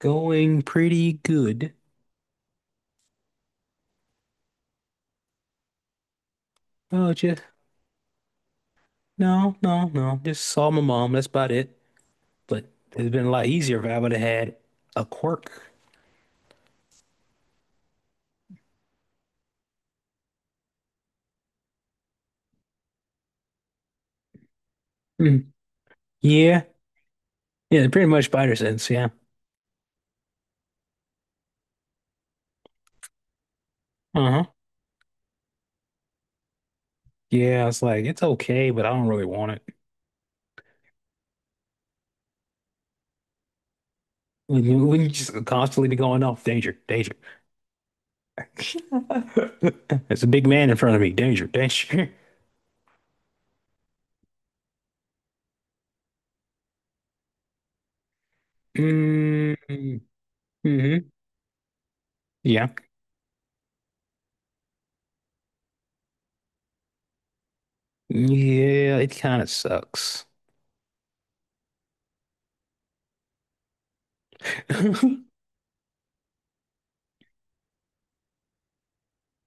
Going pretty good. Oh, just no, no, no. Just saw my mom. That's about it. But it's been a lot easier if I would have had a quirk. Hmm. Yeah, yeah. Pretty much spider sense. Yeah. Uh-huh. Yeah. I was like, it's okay, but I don't really want it. When you just constantly be going off, danger, danger. There's a big man in front of me. Danger, danger. Mm-hmm. Yeah. Yeah. It kind of sucks.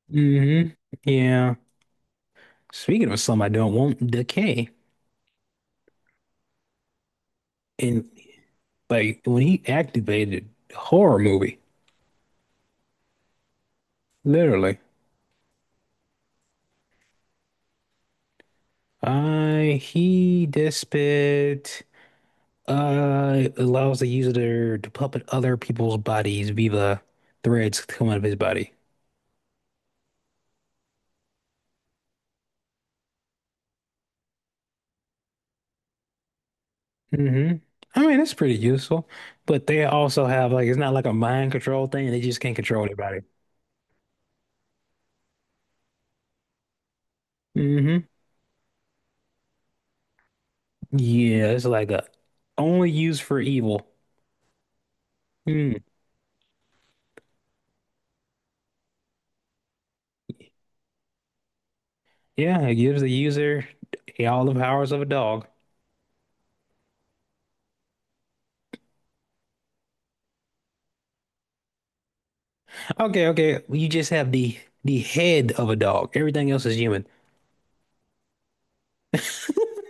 Hmm. Yeah. Speaking of some I don't want, Decay. And like when he activated horror movie, literally. I He, Despot, allows the user to puppet other people's bodies via threads coming out of his body. hmm I mean, that's pretty useful. But they also have, like, it's not like a mind control thing, they just can't control their body. Hmm. Yeah, it's like a, only used for evil. Hmm. Yeah, it gives the user all the powers of a dog. Okay, okay. Well, you just have the head of a dog. Everything else is human.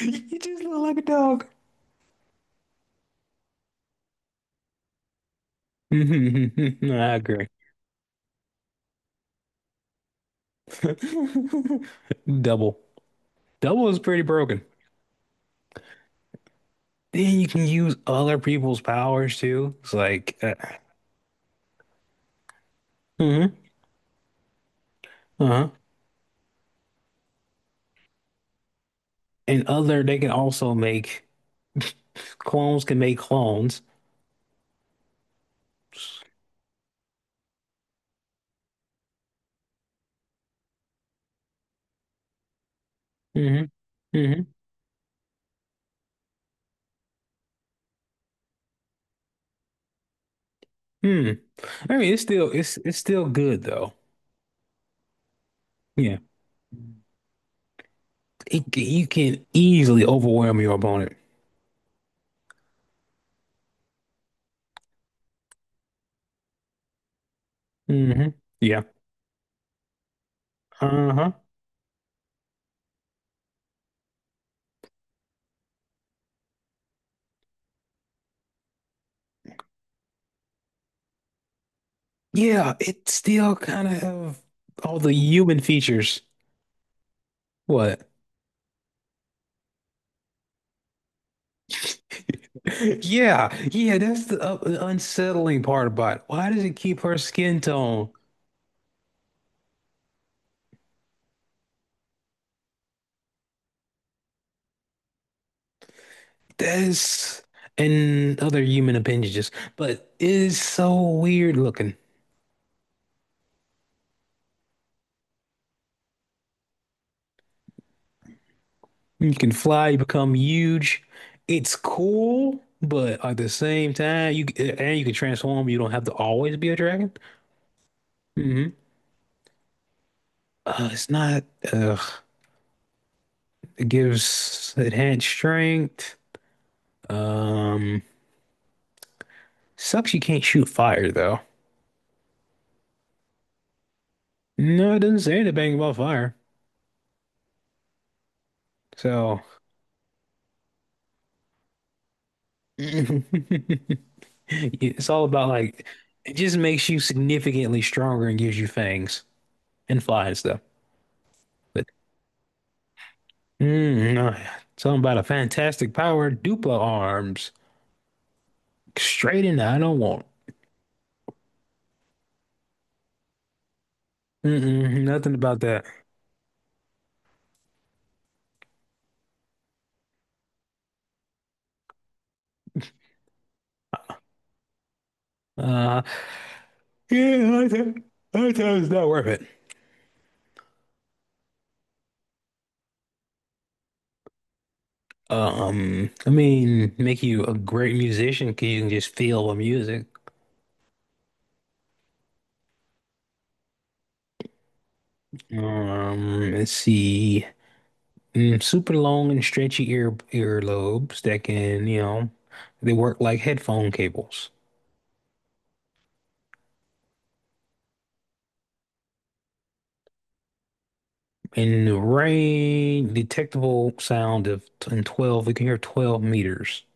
You just look like a dog. Mhm, I agree. Double. Double is pretty broken. Then you can use other people's powers too. It's like, hmm, uh-huh. And other, they can also make. Clones can make clones. Hmm. Hmm. Hmm. I mean, it's still good though. Yeah, you can easily overwhelm your opponent. Hmm. Yeah. Uh-huh. Yeah, it still kind of have all the human features. What? Yeah, yeah, that's the unsettling part about it. Why does it keep her skin tone? That is, and other human appendages, but it is so weird looking. You can fly, you become huge. It's cool, but at the same time, you can transform. You don't have to always be a dragon. hmm it's not. Uh, it gives enhanced strength. Um, Sucks. You can't shoot fire though. No, it doesn't say anything about fire. So it's all about, like, it just makes you significantly stronger and gives you fangs and flies though. Mm, uh, Something about a fantastic power, Dupla arms. Straight in, I don't want. Mm-mm, nothing about that. Uh, yeah, I think it's not worth it. I mean, make you a great musician because you can just feel the music. Let's see. Super long and stretchy earlobes that can, they work like headphone cables. In the rain, detectable sound of in 12, we can hear 12 meters.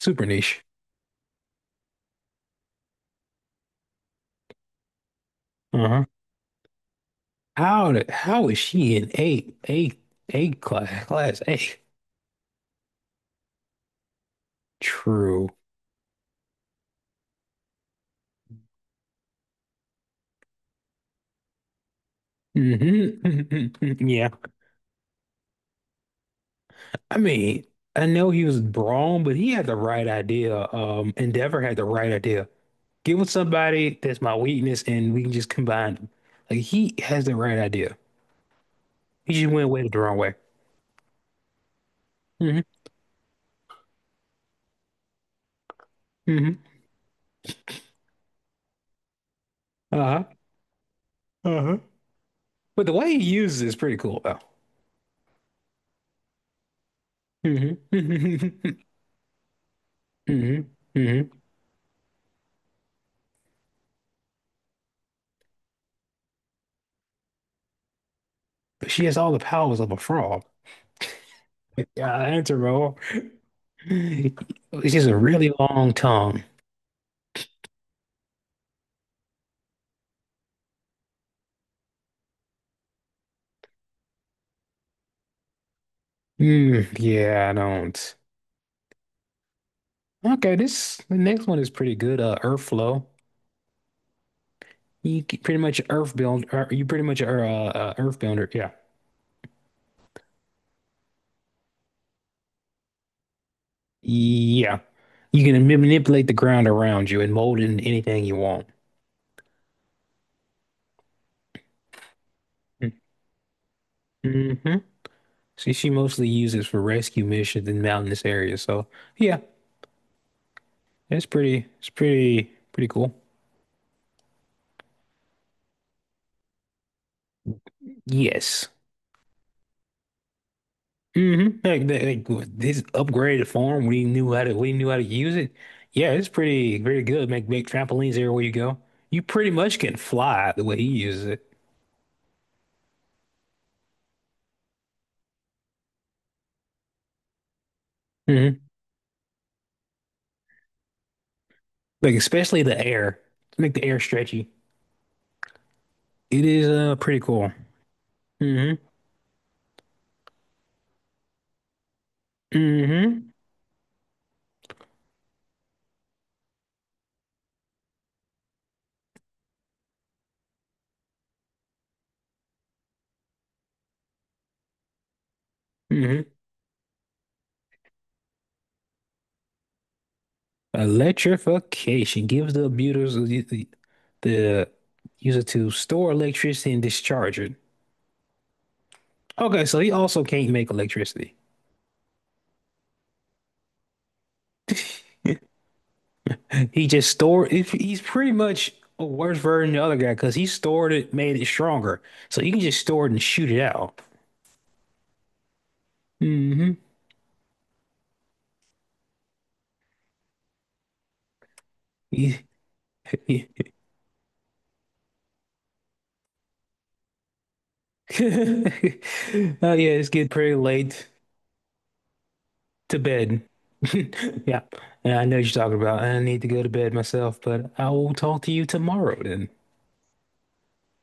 Super niche. Uh-huh. How is she in class eight? True. Mm-hmm. Yeah. I mean, I know he was wrong, but he had the right idea. Endeavor had the right idea. Give with somebody that's my weakness and we can just combine them. Like, he has the right idea. He just went with it the wrong way. Mm-hmm. Mm-hmm. Uh-huh. Uh-huh. But the way he uses it is pretty cool, though. Mm-hmm. Mm-hmm. Mm-hmm. Mm-hmm. She has all the powers of a frog. Yeah, answer, bro. It's just a really long tongue. Hmm. Yeah, I don't. Okay, this the next one is pretty good. Earth Flow. You pretty much Earth build. You pretty much are Earth builder. Yeah, yeah. You can manipulate the ground around you and mold it into anything you want. hmm she mostly uses for rescue missions in mountainous areas. So yeah, it's pretty cool. Yes. Mm-hmm. Like, this upgraded farm, we knew how to use it. Yeah, it's pretty good. Make trampolines everywhere you go. You pretty much can fly the way he uses it. hmm Like, especially the air. To make the air stretchy. It is pretty cool. hmm hmm hmm Electrification gives the abusers the user to store electricity and discharge it. Okay, so he also can't make electricity. He just stored if he's pretty much a worse version than the other guy because he stored it, made it stronger. So you can just store it and shoot it out. Hmm. Oh, yeah, it's getting pretty late to bed. Yeah. And I know what you're talking about. I need to go to bed myself, but I will talk to you tomorrow then.